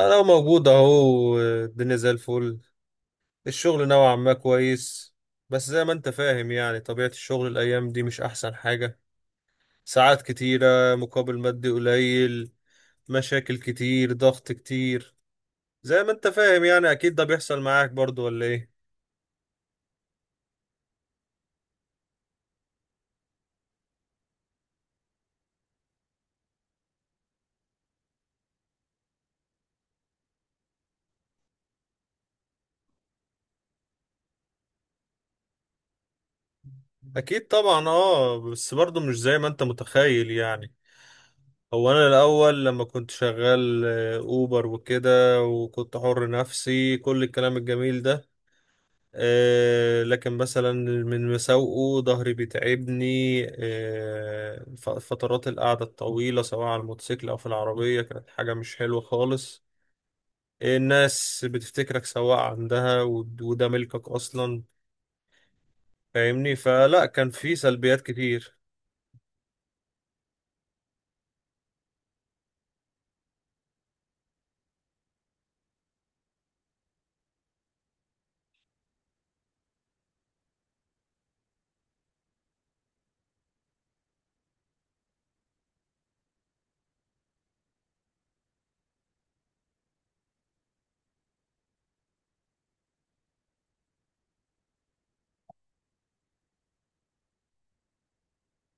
انا موجود اهو، الدنيا زي الفل. الشغل نوعا ما كويس. بس زي ما انت فاهم، يعني طبيعة الشغل الايام دي مش احسن حاجة. ساعات كتيرة مقابل مادي قليل. مشاكل كتير، ضغط كتير. زي ما انت فاهم، يعني اكيد ده بيحصل معاك برضو ولا ايه؟ اكيد طبعا، بس برضو مش زي ما انت متخيل يعني. هو انا الاول لما كنت شغال، اوبر وكده، وكنت حر نفسي كل الكلام الجميل ده. لكن مثلا من مساوئه ظهري بيتعبني. فترات القعدة الطويلة سواء على الموتوسيكل أو في العربية كانت حاجة مش حلوة خالص. الناس بتفتكرك سواق عندها، وده ملكك أصلا. فاهمني؟ فلا، كان في سلبيات كتير.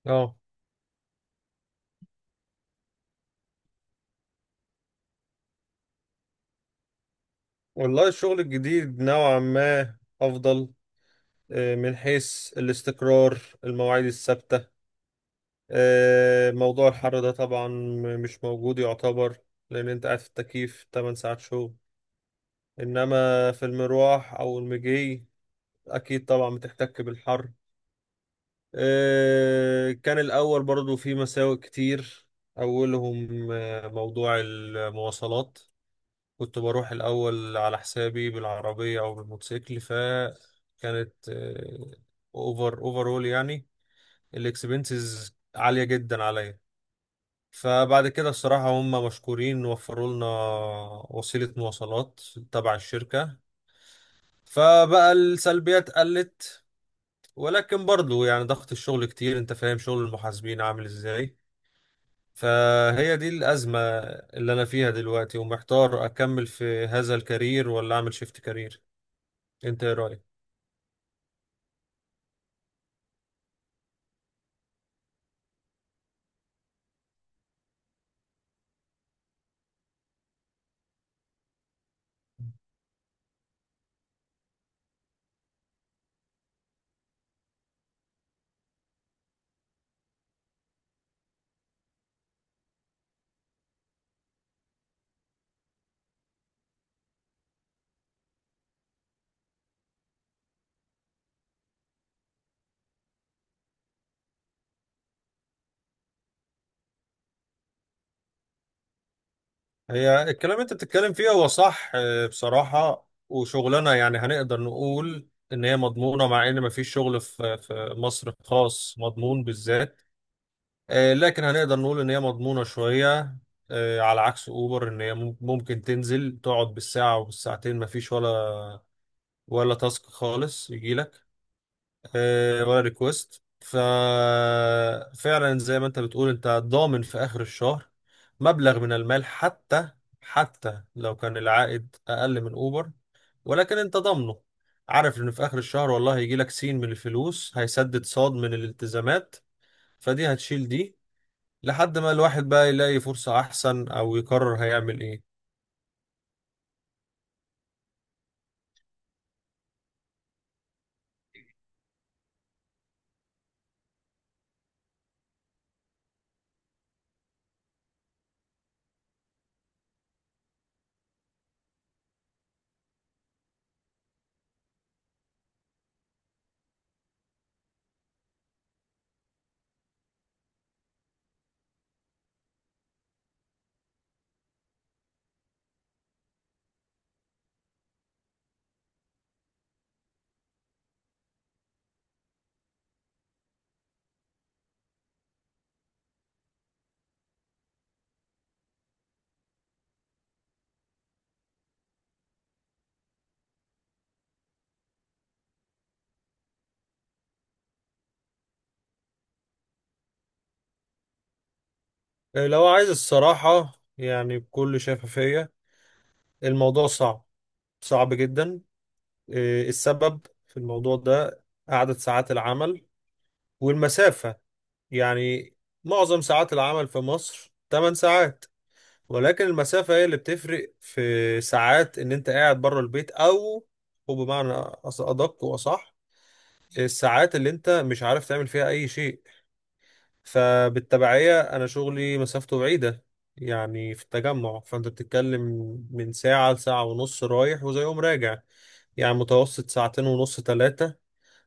اه. والله الشغل الجديد نوعا ما أفضل، من حيث الاستقرار، المواعيد الثابتة. موضوع الحر ده طبعا مش موجود يعتبر، لأن أنت قاعد في التكييف 8 ساعات شغل. إنما في المروح أو المجي أكيد طبعا بتحتك بالحر. كان الأول برضو في مساوئ كتير. أولهم موضوع المواصلات. كنت بروح الأول على حسابي بالعربية أو بالموتوسيكل، فكانت أوفرول يعني. الإكسبنسز عالية جدا عليا. فبعد كده الصراحة هم مشكورين وفروا لنا وسيلة مواصلات تبع الشركة، فبقى السلبيات قلت. ولكن برضو يعني ضغط الشغل كتير، انت فاهم شغل المحاسبين عامل ازاي. فهي دي الأزمة اللي أنا فيها دلوقتي، ومحتار أكمل في هذا الكارير ولا أعمل شيفت كارير. انت ايه رأيك؟ هي الكلام اللي انت بتتكلم فيه هو صح، بصراحة. وشغلنا يعني هنقدر نقول ان هي مضمونة، مع ان مفيش شغل في مصر خاص مضمون بالذات. لكن هنقدر نقول ان هي مضمونة شوية، على عكس اوبر. ان هي ممكن تنزل تقعد بالساعة وبالساعتين، مفيش ولا ولا تاسك خالص يجيلك، ولا ريكوست. ففعلا زي ما انت بتقول، انت ضامن في اخر الشهر مبلغ من المال، حتى حتى لو كان العائد اقل من اوبر ولكن انت ضامنه. عارف ان في اخر الشهر والله هيجي لك سين من الفلوس، هيسدد صاد من الالتزامات، فدي هتشيل دي لحد ما الواحد بقى يلاقي فرصة احسن او يقرر هيعمل ايه. لو عايز الصراحة يعني بكل شفافية، الموضوع صعب، صعب جدا. إيه السبب في الموضوع ده؟ عدد ساعات العمل والمسافة. يعني معظم ساعات العمل في مصر 8 ساعات، ولكن المسافة هي اللي بتفرق في ساعات ان انت قاعد بره البيت، او وبمعنى ادق واصح، الساعات اللي انت مش عارف تعمل فيها اي شيء. فبالتبعية انا شغلي مسافته بعيدة، يعني في التجمع، فانت بتتكلم من ساعة لساعة ونص رايح وزي يوم راجع. يعني متوسط ساعتين ونص ثلاثة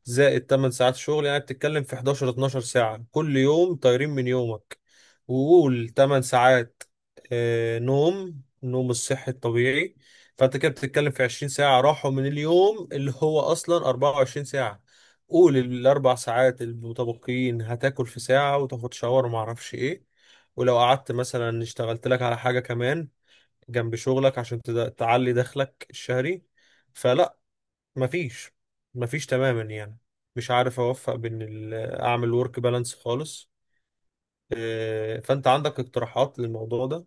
زائد 8 ساعات شغل، يعني بتتكلم في 11 12 ساعة كل يوم طايرين من يومك. وقول 8 ساعات نوم، النوم الصحي الطبيعي. فانت كده بتتكلم في 20 ساعة راحوا من اليوم اللي هو اصلا 24 ساعة. قول الاربع ساعات المتبقيين هتاكل في ساعة وتاخد شاور وما اعرفش ايه. ولو قعدت مثلا اشتغلت لك على حاجة كمان جنب شغلك عشان تعلي دخلك الشهري، فلا. مفيش، مفيش تماما يعني. مش عارف اوفق بين اعمل ورك بالانس خالص. فانت عندك اقتراحات للموضوع ده؟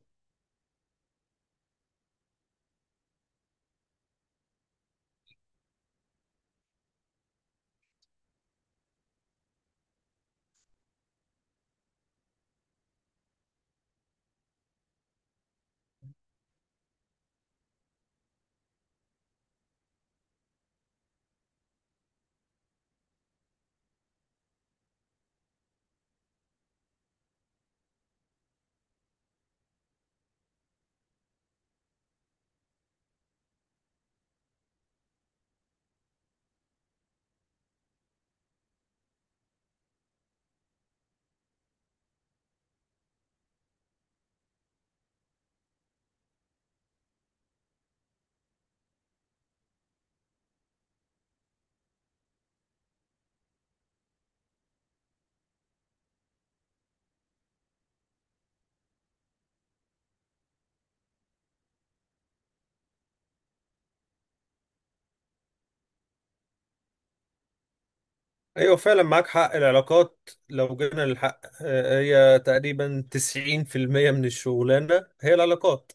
ايوه فعلا معاك حق، العلاقات لو جينا للحق هي تقريبا 90% من الشغلانة هي العلاقات.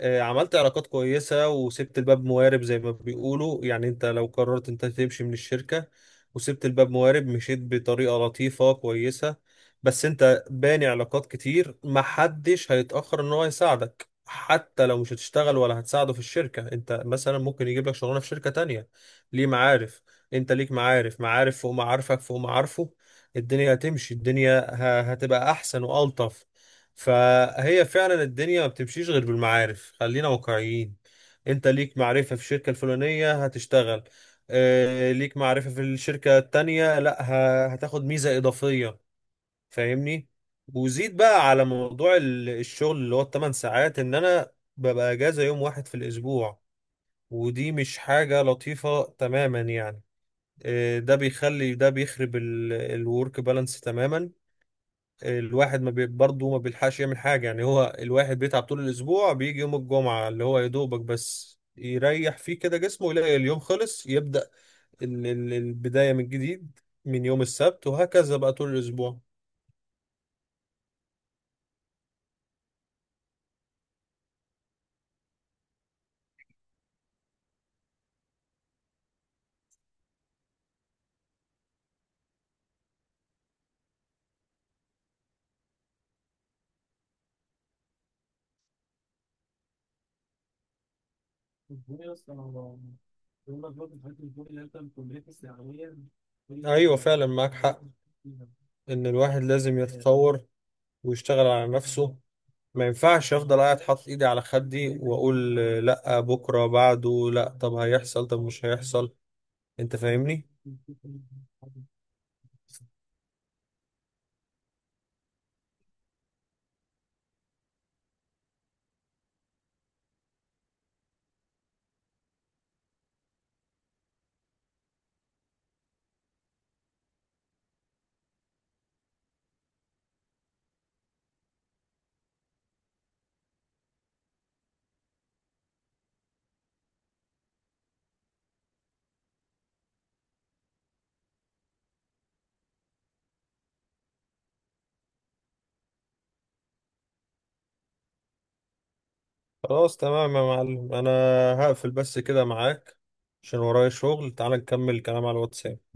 عملت علاقات كويسة وسبت الباب موارب زي ما بيقولوا. يعني انت لو قررت انت تمشي من الشركة وسبت الباب موارب، مشيت بطريقة لطيفة كويسة، بس انت باني علاقات كتير، محدش هيتأخر ان هو يساعدك. حتى لو مش هتشتغل ولا هتساعده في الشركة، انت مثلا ممكن يجيب لك شغلانة في شركة تانية. ليه؟ معارف. انت ليك معارف، معارف فوق معارفك فوق معارفه. الدنيا هتمشي، الدنيا هتبقى احسن والطف. فهي فعلا الدنيا ما بتمشيش غير بالمعارف، خلينا واقعيين. انت ليك معرفة في الشركة الفلانية هتشتغل. اه. ليك معرفة في الشركة التانية، لا هتاخد ميزة إضافية. فاهمني؟ وزيد بقى على موضوع الشغل اللي هو ال 8 ساعات، ان انا ببقى اجازة يوم واحد في الاسبوع، ودي مش حاجة لطيفة تماما يعني. اه، ده بيخرب الورك بالانس تماما. الواحد ما بي... برضه ما بيلحقش يعمل حاجة. يعني هو الواحد بيتعب طول الأسبوع، بيجي يوم الجمعة اللي هو يا دوبك بس يريح فيه كده جسمه، يلاقي اليوم خلص، يبدأ البداية من جديد من يوم السبت، وهكذا بقى طول الأسبوع. أيوة فعلا معاك حق، إن الواحد لازم يتطور ويشتغل على نفسه. ما ينفعش أفضل قاعد حاطط إيدي على خدي وأقول لأ بكرة بعده لأ، طب هيحصل، طب مش هيحصل. أنت فاهمني؟ خلاص تمام يا معلم، انا هقفل بس كده معاك عشان ورايا شغل. تعال نكمل الكلام على الواتساب.